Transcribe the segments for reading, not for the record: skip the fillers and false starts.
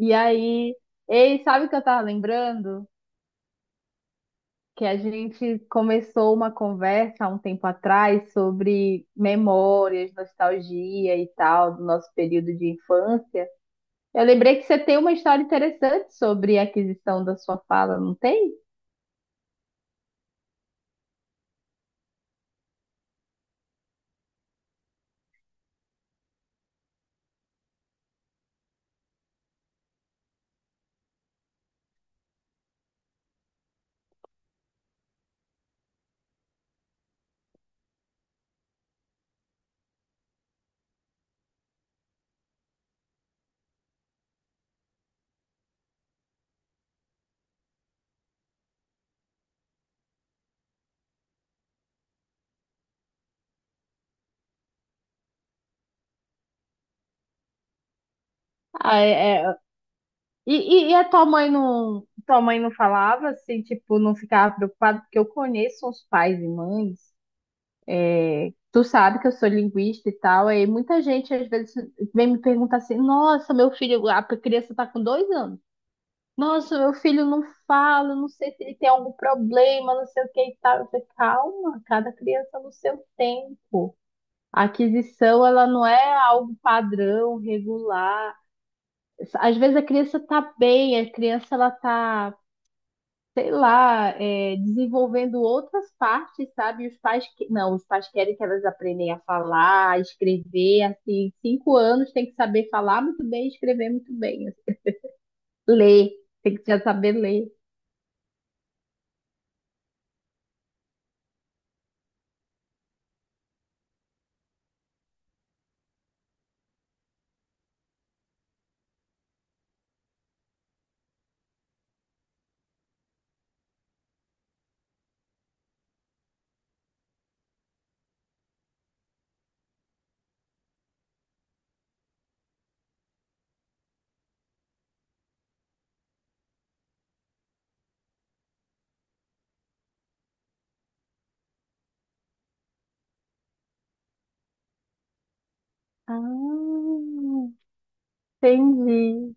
E aí, ei, sabe o que eu tava lembrando? Que a gente começou uma conversa há um tempo atrás sobre memórias, nostalgia e tal, do nosso período de infância. Eu lembrei que você tem uma história interessante sobre a aquisição da sua fala, não tem? Ah, é. E, e a tua mãe não falava assim, tipo, não ficava preocupada, porque eu conheço uns pais e mães. Tu sabe que eu sou linguista e tal, aí muita gente às vezes vem me perguntar assim: nossa, meu filho, a criança tá com 2 anos. Nossa, meu filho não fala, não sei se ele tem algum problema, não sei o que e tal. Eu falei, calma, cada criança no seu tempo. A aquisição, ela não é algo padrão, regular. Às vezes a criança tá bem, a criança ela tá, sei lá, é, desenvolvendo outras partes, sabe? Os pais que... não, os pais querem que elas aprendem a falar, a escrever, assim, 5 anos tem que saber falar muito bem, escrever muito bem, assim. Ler, tem que já saber ler. Ah, entendi.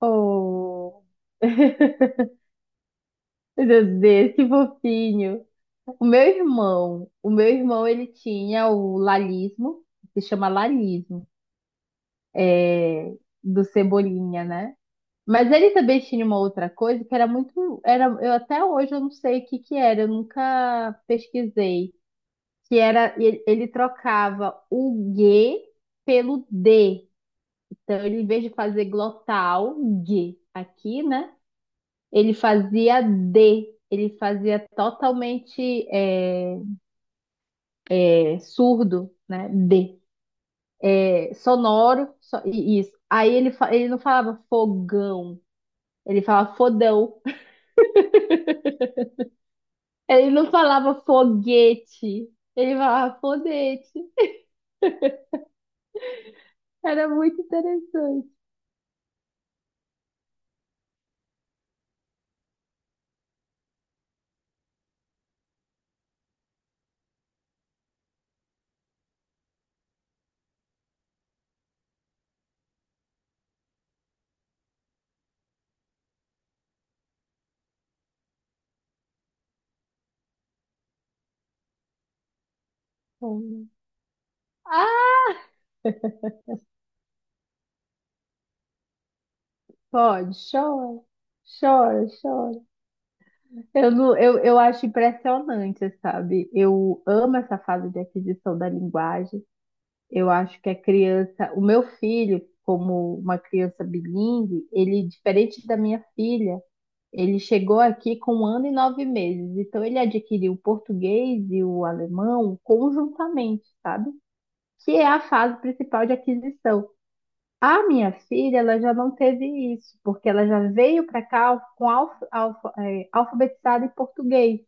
Oh, meu Deus, que fofinho. O meu irmão, ele tinha o lalismo, que se chama lalismo, é, do Cebolinha, né? Mas ele também tinha uma outra coisa que era, eu até hoje eu não sei o que que era, eu nunca pesquisei, que era ele trocava o G pelo D. Então ele, em vez de fazer glotal, G aqui, né? Ele fazia D, ele fazia totalmente é, surdo, né? D. É, sonoro, isso. Aí ele, ele não falava fogão, ele falava fodão. Ele não falava foguete, ele falava fodete. Era muito interessante. Ah, pode, chora, chora, chora. Eu, não, eu acho impressionante, sabe? Eu amo essa fase de aquisição da linguagem. Eu acho que a criança, o meu filho, como uma criança bilíngue, ele, diferente da minha filha, ele chegou aqui com 1 ano e 9 meses. Então, ele adquiriu o português e o alemão conjuntamente, sabe? Que é a fase principal de aquisição. A minha filha, ela já não teve isso, porque ela já veio para cá com alfabetizada em português.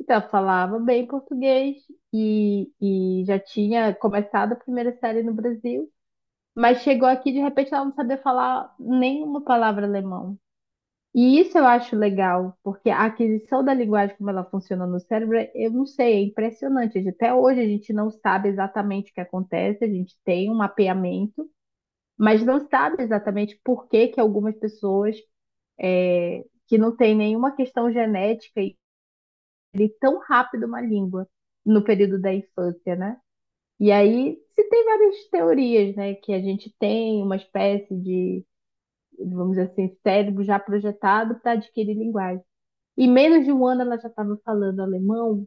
Então, ela falava bem português e já tinha começado a primeira série no Brasil, mas chegou aqui, de repente, ela não sabia falar nenhuma palavra alemão. E isso eu acho legal, porque a aquisição da linguagem, como ela funciona no cérebro, eu não sei, é impressionante. A gente... Até hoje a gente não sabe exatamente o que acontece, a gente tem um mapeamento, mas não sabe exatamente por que que algumas pessoas, é, que não têm nenhuma questão genética e tão rápido uma língua no período da infância, né? E aí se tem várias teorias, né? Que a gente tem uma espécie de, vamos dizer assim, cérebro já projetado para adquirir linguagem. E menos de um ano ela já estava falando alemão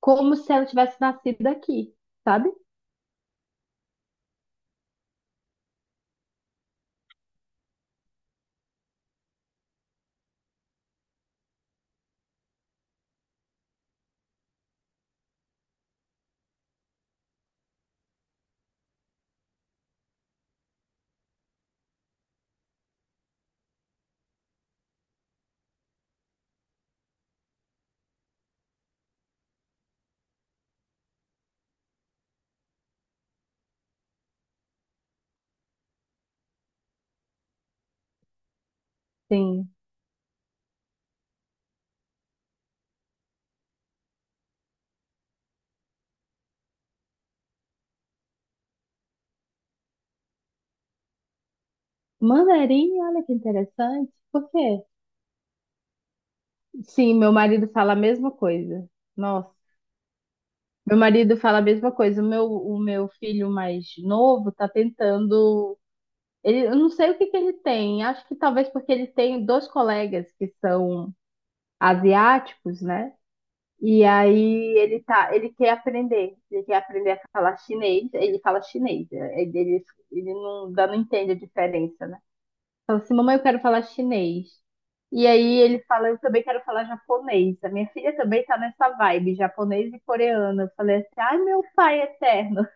como se ela tivesse nascido aqui, sabe? Sim. Mandarim, olha que interessante. Por quê? Sim, meu marido fala a mesma coisa. Nossa, meu marido fala a mesma coisa. O meu filho mais novo tá tentando. Ele, eu não sei o que que ele tem. Acho que talvez porque ele tem dois colegas que são asiáticos, né? E aí ele tá, ele quer aprender a falar chinês, ele fala chinês, né? Ele não, não entende a diferença, né? Fala assim, mamãe, eu quero falar chinês. E aí ele fala, eu também quero falar japonês. A minha filha também tá nessa vibe, japonês e coreano. Eu falei assim, ai meu pai eterno.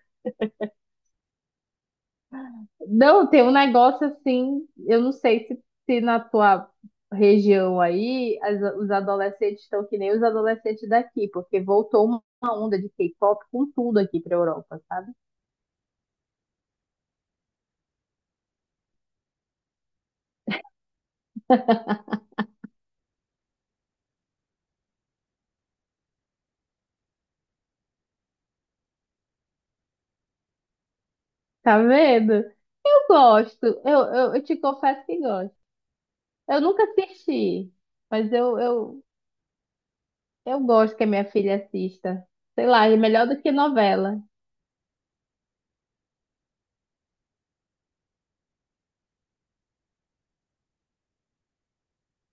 Não, tem um negócio assim, eu não sei se, se na tua região aí os adolescentes estão que nem os adolescentes daqui, porque voltou uma onda de K-pop com tudo aqui pra Europa, sabe? Tá vendo? Eu gosto, eu te confesso que gosto. Eu nunca assisti, mas eu gosto que a minha filha assista. Sei lá, é melhor do que novela.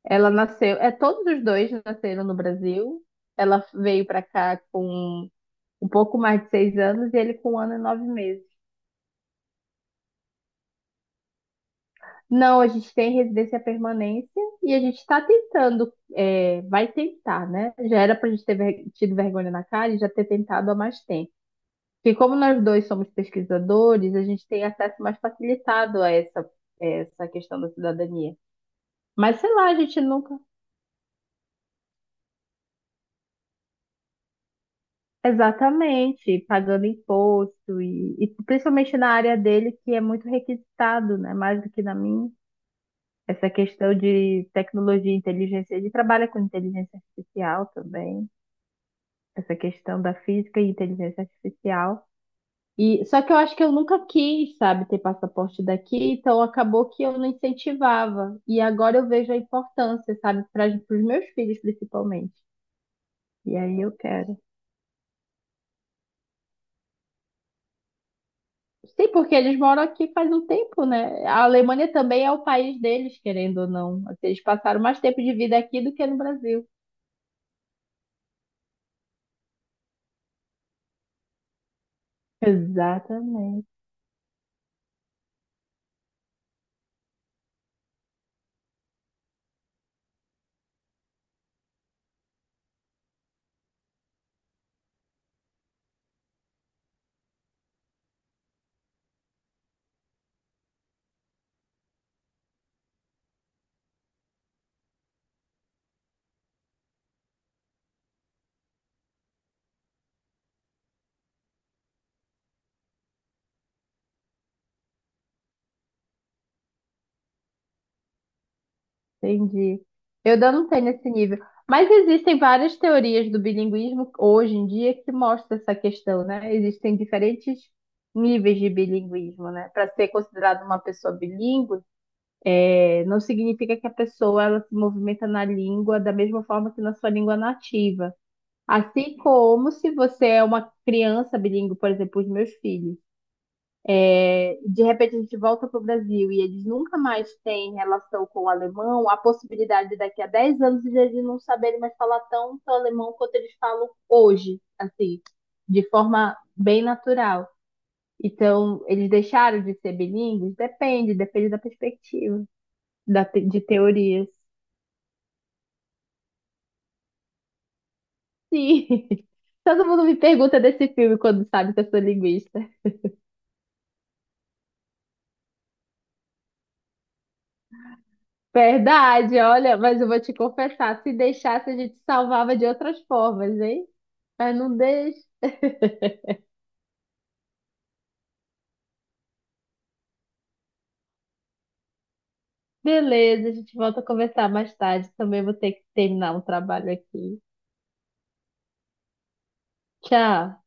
Ela nasceu, é, todos os dois nasceram no Brasil. Ela veio pra cá com um pouco mais de 6 anos e ele com 1 ano e 9 meses. Não, a gente tem residência permanência e a gente está tentando, é, vai tentar, né? Já era para a gente ter tido vergonha na cara e já ter tentado há mais tempo. Porque como nós dois somos pesquisadores, a gente tem acesso mais facilitado a essa questão da cidadania. Mas sei lá, a gente nunca. Exatamente, pagando imposto e principalmente na área dele que é muito requisitado, né? Mais do que na minha. Essa questão de tecnologia e inteligência, ele trabalha com inteligência artificial também, essa questão da física e inteligência artificial. E só que eu acho que eu nunca quis, sabe, ter passaporte daqui, então acabou que eu não incentivava. E agora eu vejo a importância, sabe, para os meus filhos principalmente. E aí eu quero. Sim, porque eles moram aqui faz um tempo, né? A Alemanha também é o país deles, querendo ou não. Assim, eles passaram mais tempo de vida aqui do que no Brasil. Exatamente. Entendi. Eu ainda não tenho nesse nível. Mas existem várias teorias do bilinguismo hoje em dia que mostram essa questão, né? Existem diferentes níveis de bilinguismo, né? Para ser considerada uma pessoa bilíngue, eh, não significa que a pessoa ela se movimenta na língua da mesma forma que na sua língua nativa. Assim como se você é uma criança bilíngue, por exemplo, os meus filhos. É, de repente a gente volta para o Brasil e eles nunca mais têm relação com o alemão, a possibilidade daqui a 10 anos de eles não saberem mais falar tanto alemão quanto eles falam hoje, assim, de forma bem natural. Então, eles deixaram de ser bilíngues? Depende, depende da perspectiva, de teorias. Sim. Todo mundo me pergunta desse filme quando sabe que eu sou linguista. Verdade, olha, mas eu vou te confessar, se deixasse a gente salvava de outras formas, hein? Mas não deixe. Beleza, a gente volta a conversar mais tarde. Também vou ter que terminar o trabalho aqui. Tchau.